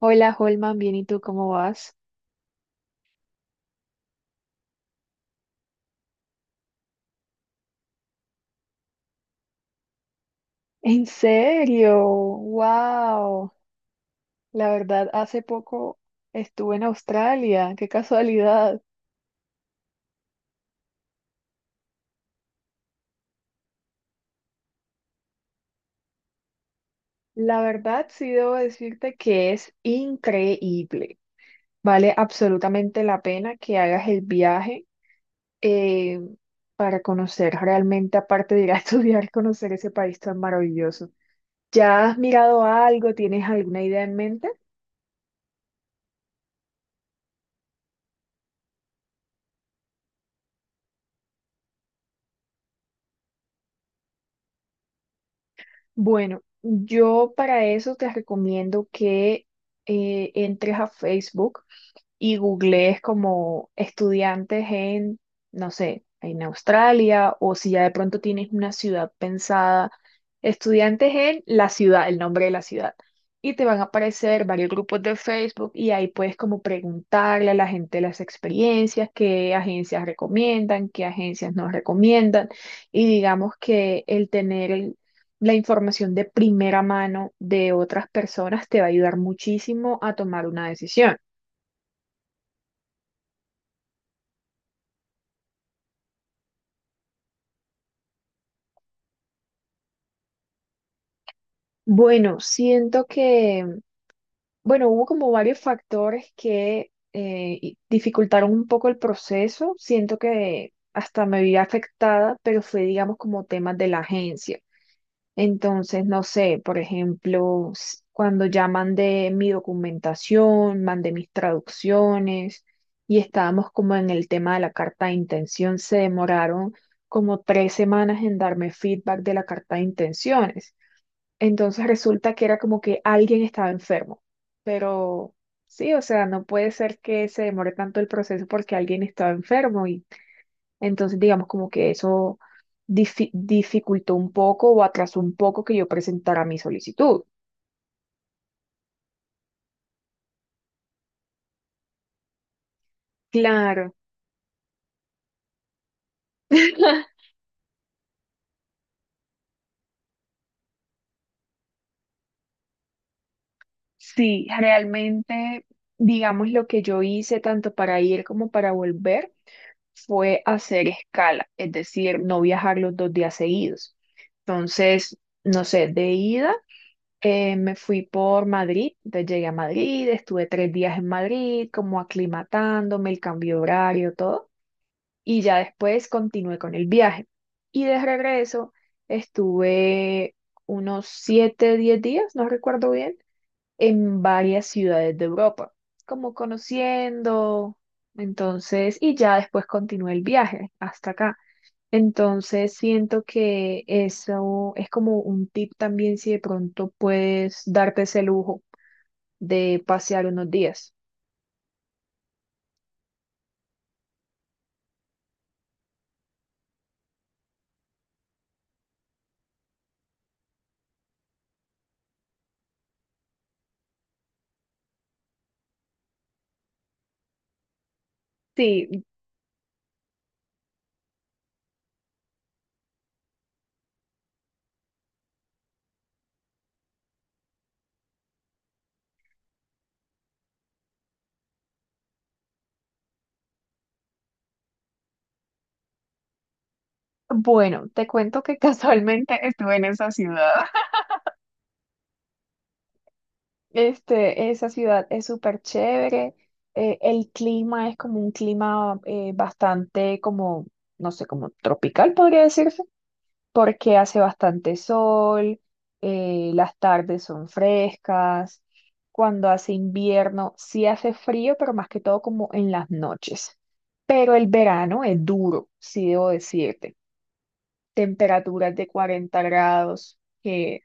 Hola, Holman, bien, ¿y tú cómo vas? ¿En serio? ¡Wow! La verdad, hace poco estuve en Australia, qué casualidad. La verdad, sí debo decirte que es increíble. Vale absolutamente la pena que hagas el viaje eh, para conocer realmente, aparte de ir a estudiar, conocer ese país tan maravilloso. ¿Ya has mirado algo? ¿Tienes alguna idea en mente? Bueno, yo para eso te recomiendo que entres a Facebook y googleé es como estudiantes en, no sé, en Australia o si ya de pronto tienes una ciudad pensada, estudiantes en la ciudad, el nombre de la ciudad. Y te van a aparecer varios grupos de Facebook y ahí puedes como preguntarle a la gente las experiencias, qué agencias recomiendan, qué agencias no recomiendan. Y digamos que el tener la información de primera mano de otras personas te va a ayudar muchísimo a tomar una decisión. Bueno, siento que, bueno, hubo como varios factores que dificultaron un poco el proceso. Siento que hasta me vi afectada, pero fue, digamos, como temas de la agencia. Entonces, no sé, por ejemplo, cuando ya mandé mi documentación, mandé mis traducciones y estábamos como en el tema de la carta de intención, se demoraron como 3 semanas en darme feedback de la carta de intenciones. Entonces resulta que era como que alguien estaba enfermo. Pero sí, o sea, no puede ser que se demore tanto el proceso porque alguien estaba enfermo y entonces digamos como que eso dificultó un poco o atrasó un poco que yo presentara mi solicitud. Claro, sí, realmente, digamos, lo que yo hice tanto para ir como para volver fue hacer escala, es decir, no viajar los 2 días seguidos. Entonces, no sé, de ida. Me fui por Madrid, entonces llegué a Madrid, estuve 3 días en Madrid, como aclimatándome, el cambio de horario, todo, y ya después continué con el viaje. Y de regreso estuve unos 7, 10 días, no recuerdo bien, en varias ciudades de Europa, como conociendo, entonces, y ya después continué el viaje hasta acá. Entonces siento que eso es como un tip también si de pronto puedes darte ese lujo de pasear unos días. Sí, bueno, te cuento que casualmente estuve en esa ciudad. Este, esa ciudad es súper chévere. El clima es como un clima bastante como, no sé, como tropical podría decirse. Porque hace bastante sol, las tardes son frescas, cuando hace invierno sí hace frío, pero más que todo como en las noches. Pero el verano es duro, sí debo decirte. Temperaturas de 40 grados, que,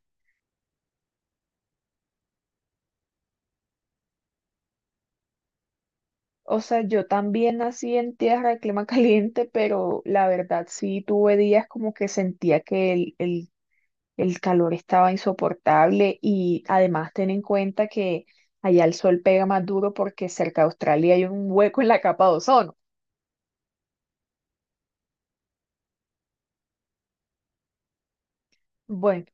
o sea, yo también nací en tierra de clima caliente, pero la verdad sí tuve días como que sentía que el calor estaba insoportable y además ten en cuenta que allá el sol pega más duro porque cerca de Australia hay un hueco en la capa de ozono. Bueno,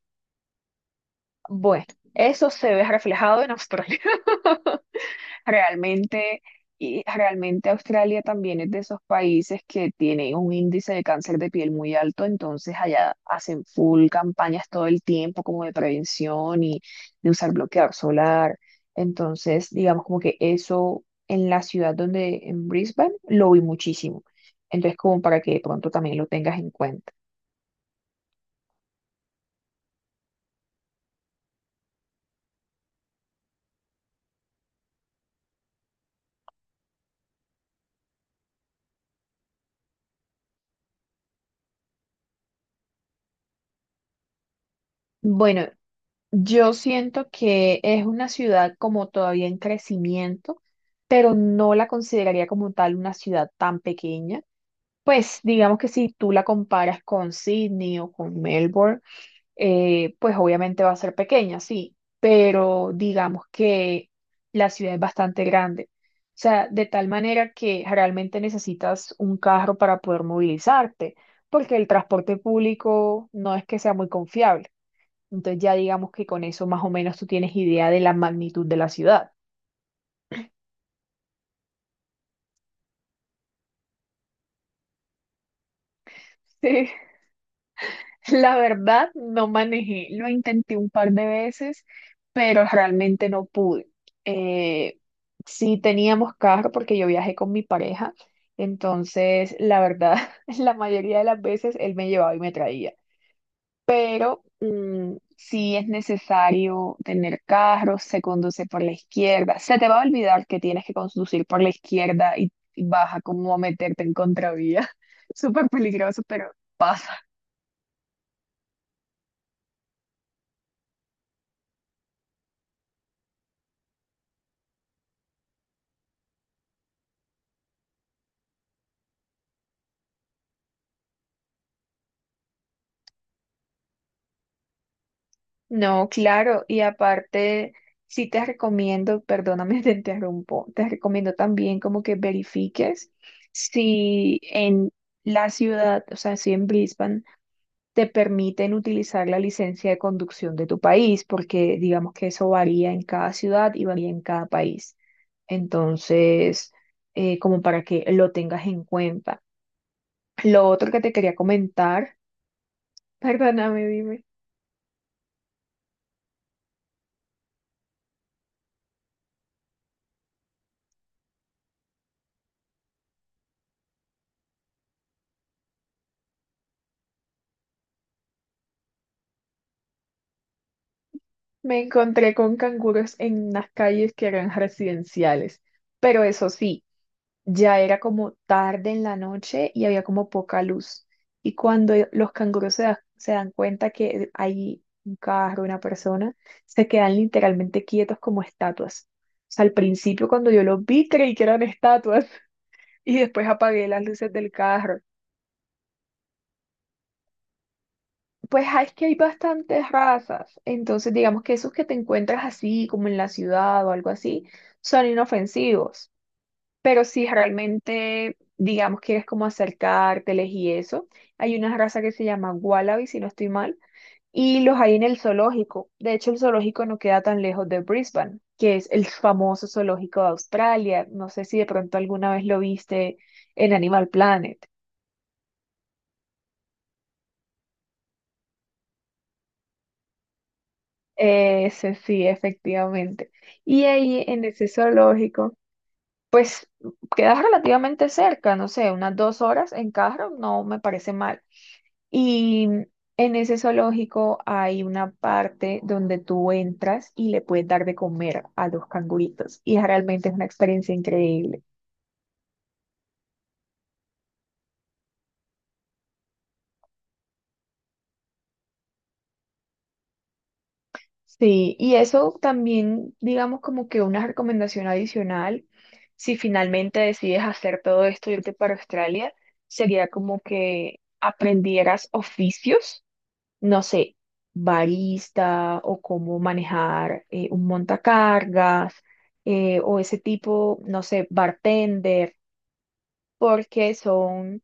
bueno, eso se ve reflejado en Australia. Realmente, y realmente Australia también es de esos países que tiene un índice de cáncer de piel muy alto, entonces allá hacen full campañas todo el tiempo como de prevención y de usar bloqueador solar. Entonces, digamos como que eso en la ciudad donde, en Brisbane, lo vi muchísimo. Entonces, como para que de pronto también lo tengas en cuenta. Bueno, yo siento que es una ciudad como todavía en crecimiento, pero no la consideraría como tal una ciudad tan pequeña. Pues digamos que si tú la comparas con Sydney o con Melbourne, pues obviamente va a ser pequeña, sí, pero digamos que la ciudad es bastante grande. O sea, de tal manera que realmente necesitas un carro para poder movilizarte, porque el transporte público no es que sea muy confiable. Entonces ya digamos que con eso más o menos tú tienes idea de la magnitud de la ciudad. Sí, la verdad no manejé, lo intenté un par de veces, pero realmente no pude. Eh, sí teníamos carro porque yo viajé con mi pareja, entonces la verdad la mayoría de las veces él me llevaba y me traía. Pero sí es necesario tener carro, se conduce por la izquierda. Se te va a olvidar que tienes que conducir por la izquierda y vas a como meterte en contravía. Súper peligroso, pero no, claro. Y aparte, sí te recomiendo, perdóname, te interrumpo, te recomiendo también como que verifiques si en la ciudad, o sea, si en Brisbane, te permiten utilizar la licencia de conducción de tu país, porque digamos que eso varía en cada ciudad y varía en cada país. Entonces, como para que lo tengas en cuenta. Lo otro que te quería comentar, perdóname, dime, me encontré con canguros en unas calles que eran residenciales, pero eso sí. Ya era como tarde en la noche y había como poca luz. Y cuando los canguros se dan cuenta que hay un carro, una persona, se quedan literalmente quietos como estatuas. O sea, al principio cuando yo los vi creí que eran estatuas y después apagué las luces del carro. Pues ah, es que hay bastantes razas. Entonces digamos que esos que te encuentras así como en la ciudad o algo así son inofensivos. Pero si realmente, digamos, quieres como acercárteles y eso, hay una raza que se llama Wallaby, si no estoy mal, y los hay en el zoológico. De hecho, el zoológico no queda tan lejos de Brisbane, que es el famoso zoológico de Australia. No sé si de pronto alguna vez lo viste en Animal Planet. Ese sí, efectivamente. Y ahí en ese zoológico, pues quedas relativamente cerca, no sé, unas 2 horas en carro, no me parece mal. Y en ese zoológico hay una parte donde tú entras y le puedes dar de comer a los canguritos. Y realmente es una experiencia increíble. Sí, y eso también, digamos, como que una recomendación adicional, si finalmente decides hacer todo esto y irte para Australia, sería como que aprendieras oficios no sé, barista o cómo manejar un montacargas o ese tipo, no sé, bartender, porque son,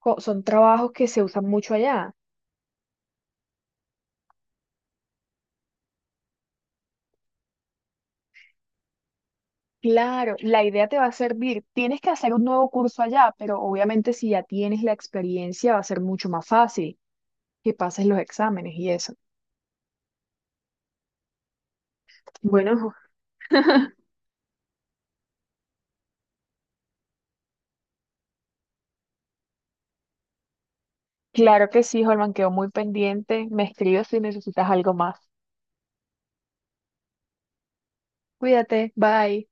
son trabajos que se usan mucho allá. Claro, la idea te va a servir. Tienes que hacer un nuevo curso allá, pero obviamente si ya tienes la experiencia va a ser mucho más fácil que pases los exámenes y eso. Bueno, claro que sí, Holman, quedo muy pendiente. Me escribes si necesitas algo más. Cuídate, bye.